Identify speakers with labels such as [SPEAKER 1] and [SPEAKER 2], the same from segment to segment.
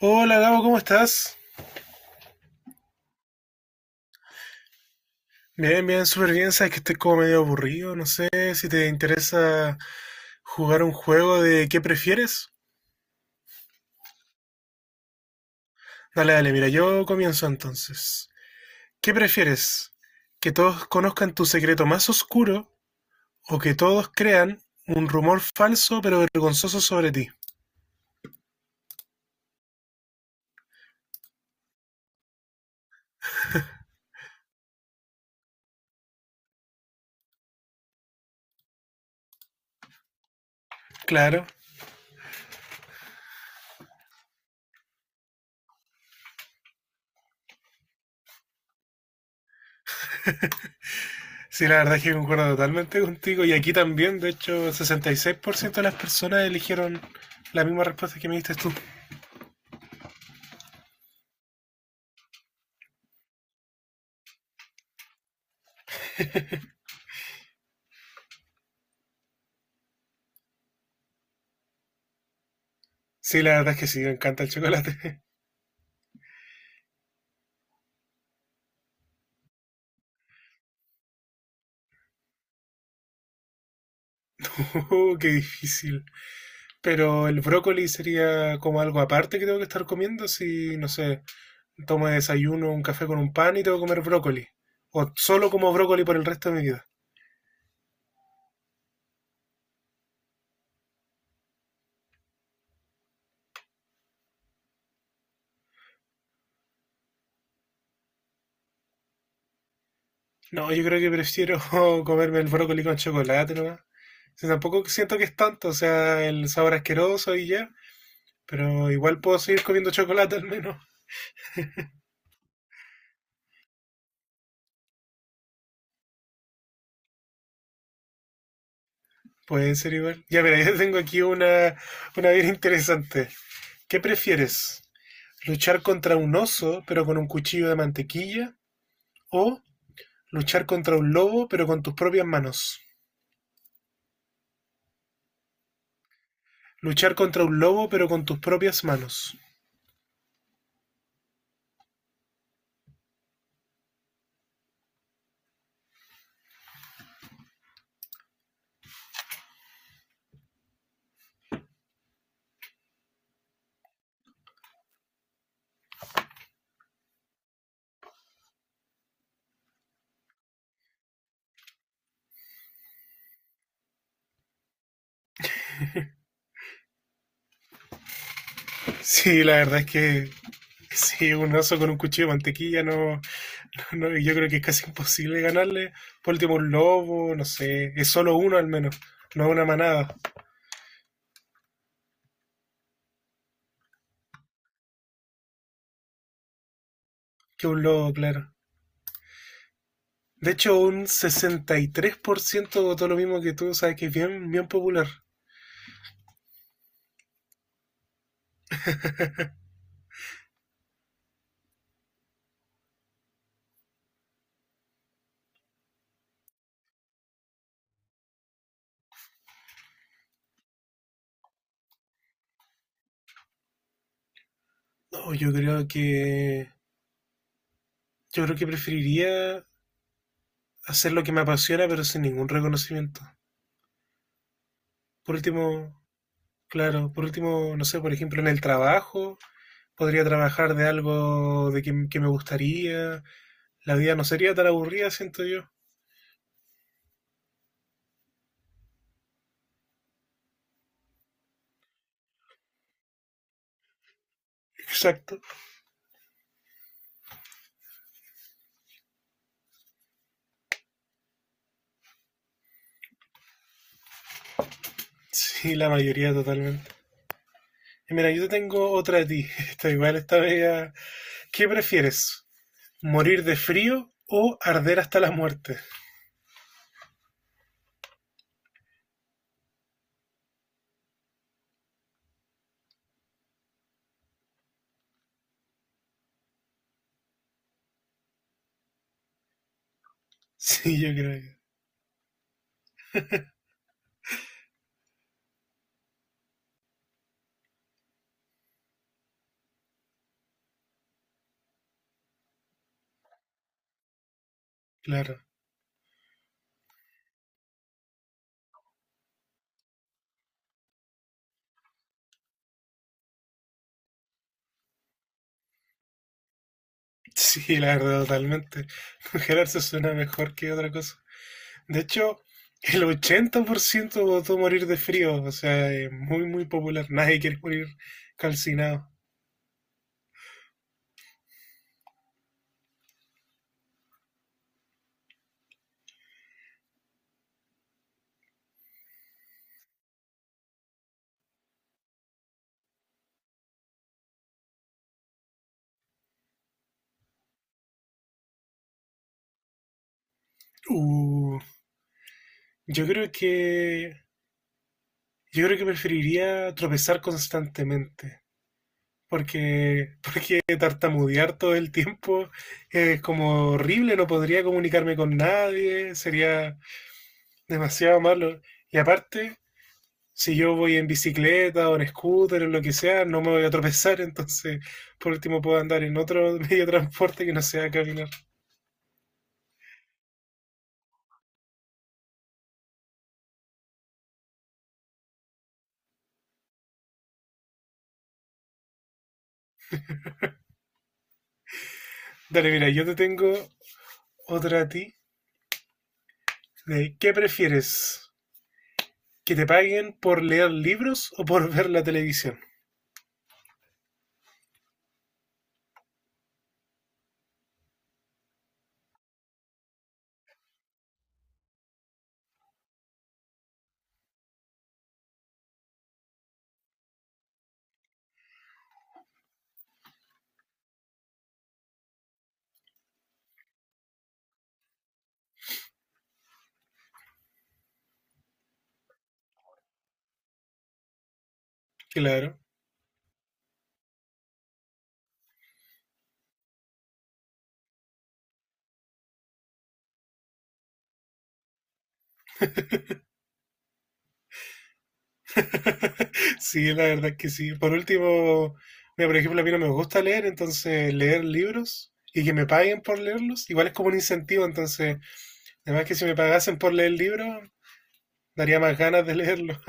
[SPEAKER 1] Hola Gabo, ¿cómo estás? Bien, bien, súper bien. Sabes que estoy como medio aburrido. No sé si te interesa jugar un juego de qué prefieres. Dale, dale, mira, yo comienzo entonces. ¿Qué prefieres? ¿Que todos conozcan tu secreto más oscuro o que todos crean un rumor falso pero vergonzoso sobre ti? Claro, sí, la verdad es que concuerdo totalmente contigo. Y aquí también, de hecho, el 66% de las personas eligieron la misma respuesta que me diste tú. Sí, la verdad es que sí, me encanta el chocolate. Oh, qué difícil. Pero el brócoli sería como algo aparte que tengo que estar comiendo si, no sé, tomo de desayuno un café con un pan y tengo que comer brócoli. O solo como brócoli por el resto de mi vida. No, yo creo que prefiero comerme el brócoli con chocolate nomás. O sea, tampoco siento que es tanto, o sea, el sabor asqueroso y ya. Pero igual puedo seguir comiendo chocolate al menos. Puede ser igual. Ya, mira, yo tengo aquí una bien interesante. ¿Qué prefieres? Luchar contra un oso, pero con un cuchillo de mantequilla. O luchar contra un lobo, pero con tus propias manos. Luchar contra un lobo, pero con tus propias manos. Sí, la verdad es que sí, un oso con un cuchillo de mantequilla, no, no, no, yo creo que es casi imposible ganarle. Por último, un lobo, no sé, es solo uno al menos, no una manada, que un lobo, claro. De hecho, un 63% votó lo mismo que tú, sabes que es bien, bien popular. No, yo creo que preferiría hacer lo que me apasiona, pero sin ningún reconocimiento. Por último, claro, por último, no sé, por ejemplo, en el trabajo, podría trabajar de algo que me gustaría. La vida no sería tan aburrida, siento yo. Exacto. Sí, la mayoría totalmente. Y mira, yo te tengo otra de ti. Está igual, esta media. ¿Qué prefieres? ¿Morir de frío o arder hasta la muerte? Sí, yo creo que, claro. Sí, la verdad, totalmente. Congelarse suena mejor que otra cosa. De hecho, el 80% votó morir de frío, o sea, es muy, muy popular. Nadie quiere morir calcinado. Uh, yo creo que. Yo creo que preferiría tropezar constantemente. Porque tartamudear todo el tiempo es como horrible, no podría comunicarme con nadie, sería demasiado malo. Y aparte, si yo voy en bicicleta o en scooter o lo que sea, no me voy a tropezar, entonces por último puedo andar en otro medio de transporte que no sea caminar. Dale, mira, yo te tengo otra a ti. ¿Qué prefieres? ¿Que te paguen por leer libros o por ver la televisión? Claro. Sí, la verdad es que sí. Por último, mira, por ejemplo, a mí no me gusta leer, entonces leer libros y que me paguen por leerlos, igual es como un incentivo, entonces, además que si me pagasen por leer libros, daría más ganas de leerlo.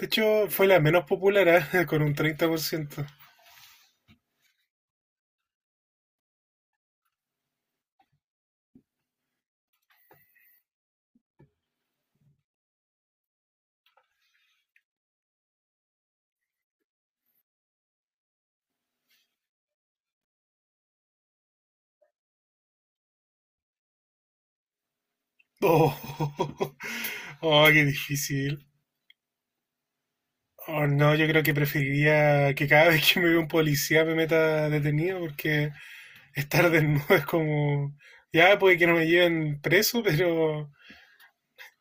[SPEAKER 1] De hecho, fue la menos popular, ¿eh? con un 30%. Oh, oh, qué difícil. Oh, no, yo creo que preferiría que cada vez que me vea un policía me meta detenido, porque estar desnudo es como. Ya, puede que no me lleven preso, pero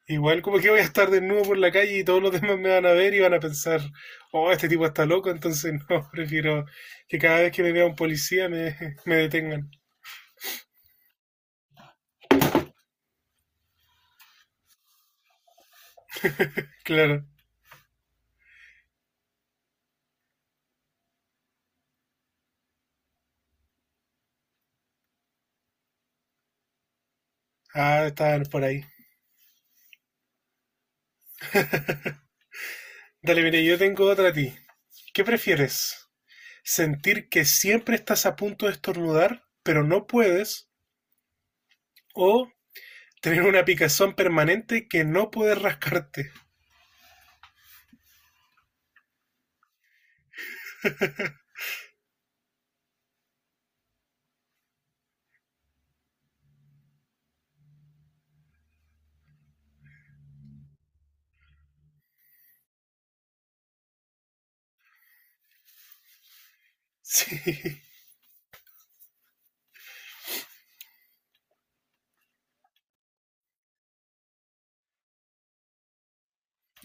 [SPEAKER 1] igual, como que voy a estar desnudo por la calle y todos los demás me van a ver y van a pensar, oh, este tipo está loco, entonces no, prefiero que cada vez que me vea un policía me detengan. Claro. Ah, estaban por ahí. Dale, mire, yo tengo otra a ti. ¿Qué prefieres? ¿Sentir que siempre estás a punto de estornudar, pero no puedes? ¿O tener una picazón permanente que no puedes rascarte? Sí,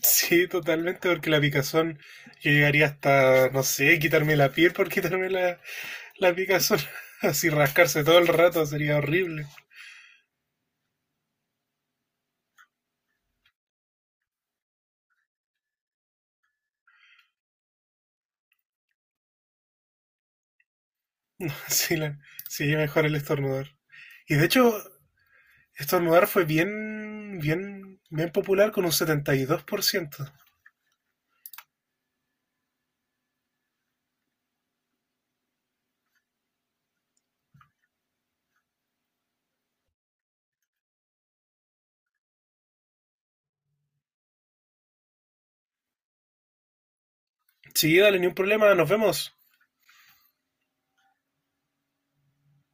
[SPEAKER 1] sí, totalmente, porque la picazón, yo llegaría hasta, no sé, quitarme la piel por quitarme la picazón. Así rascarse todo el rato sería horrible. Sí, sí, mejor el estornudar. Y de hecho, estornudar fue bien, bien, bien popular con un 72%. Sí, dale, ni un problema, nos vemos.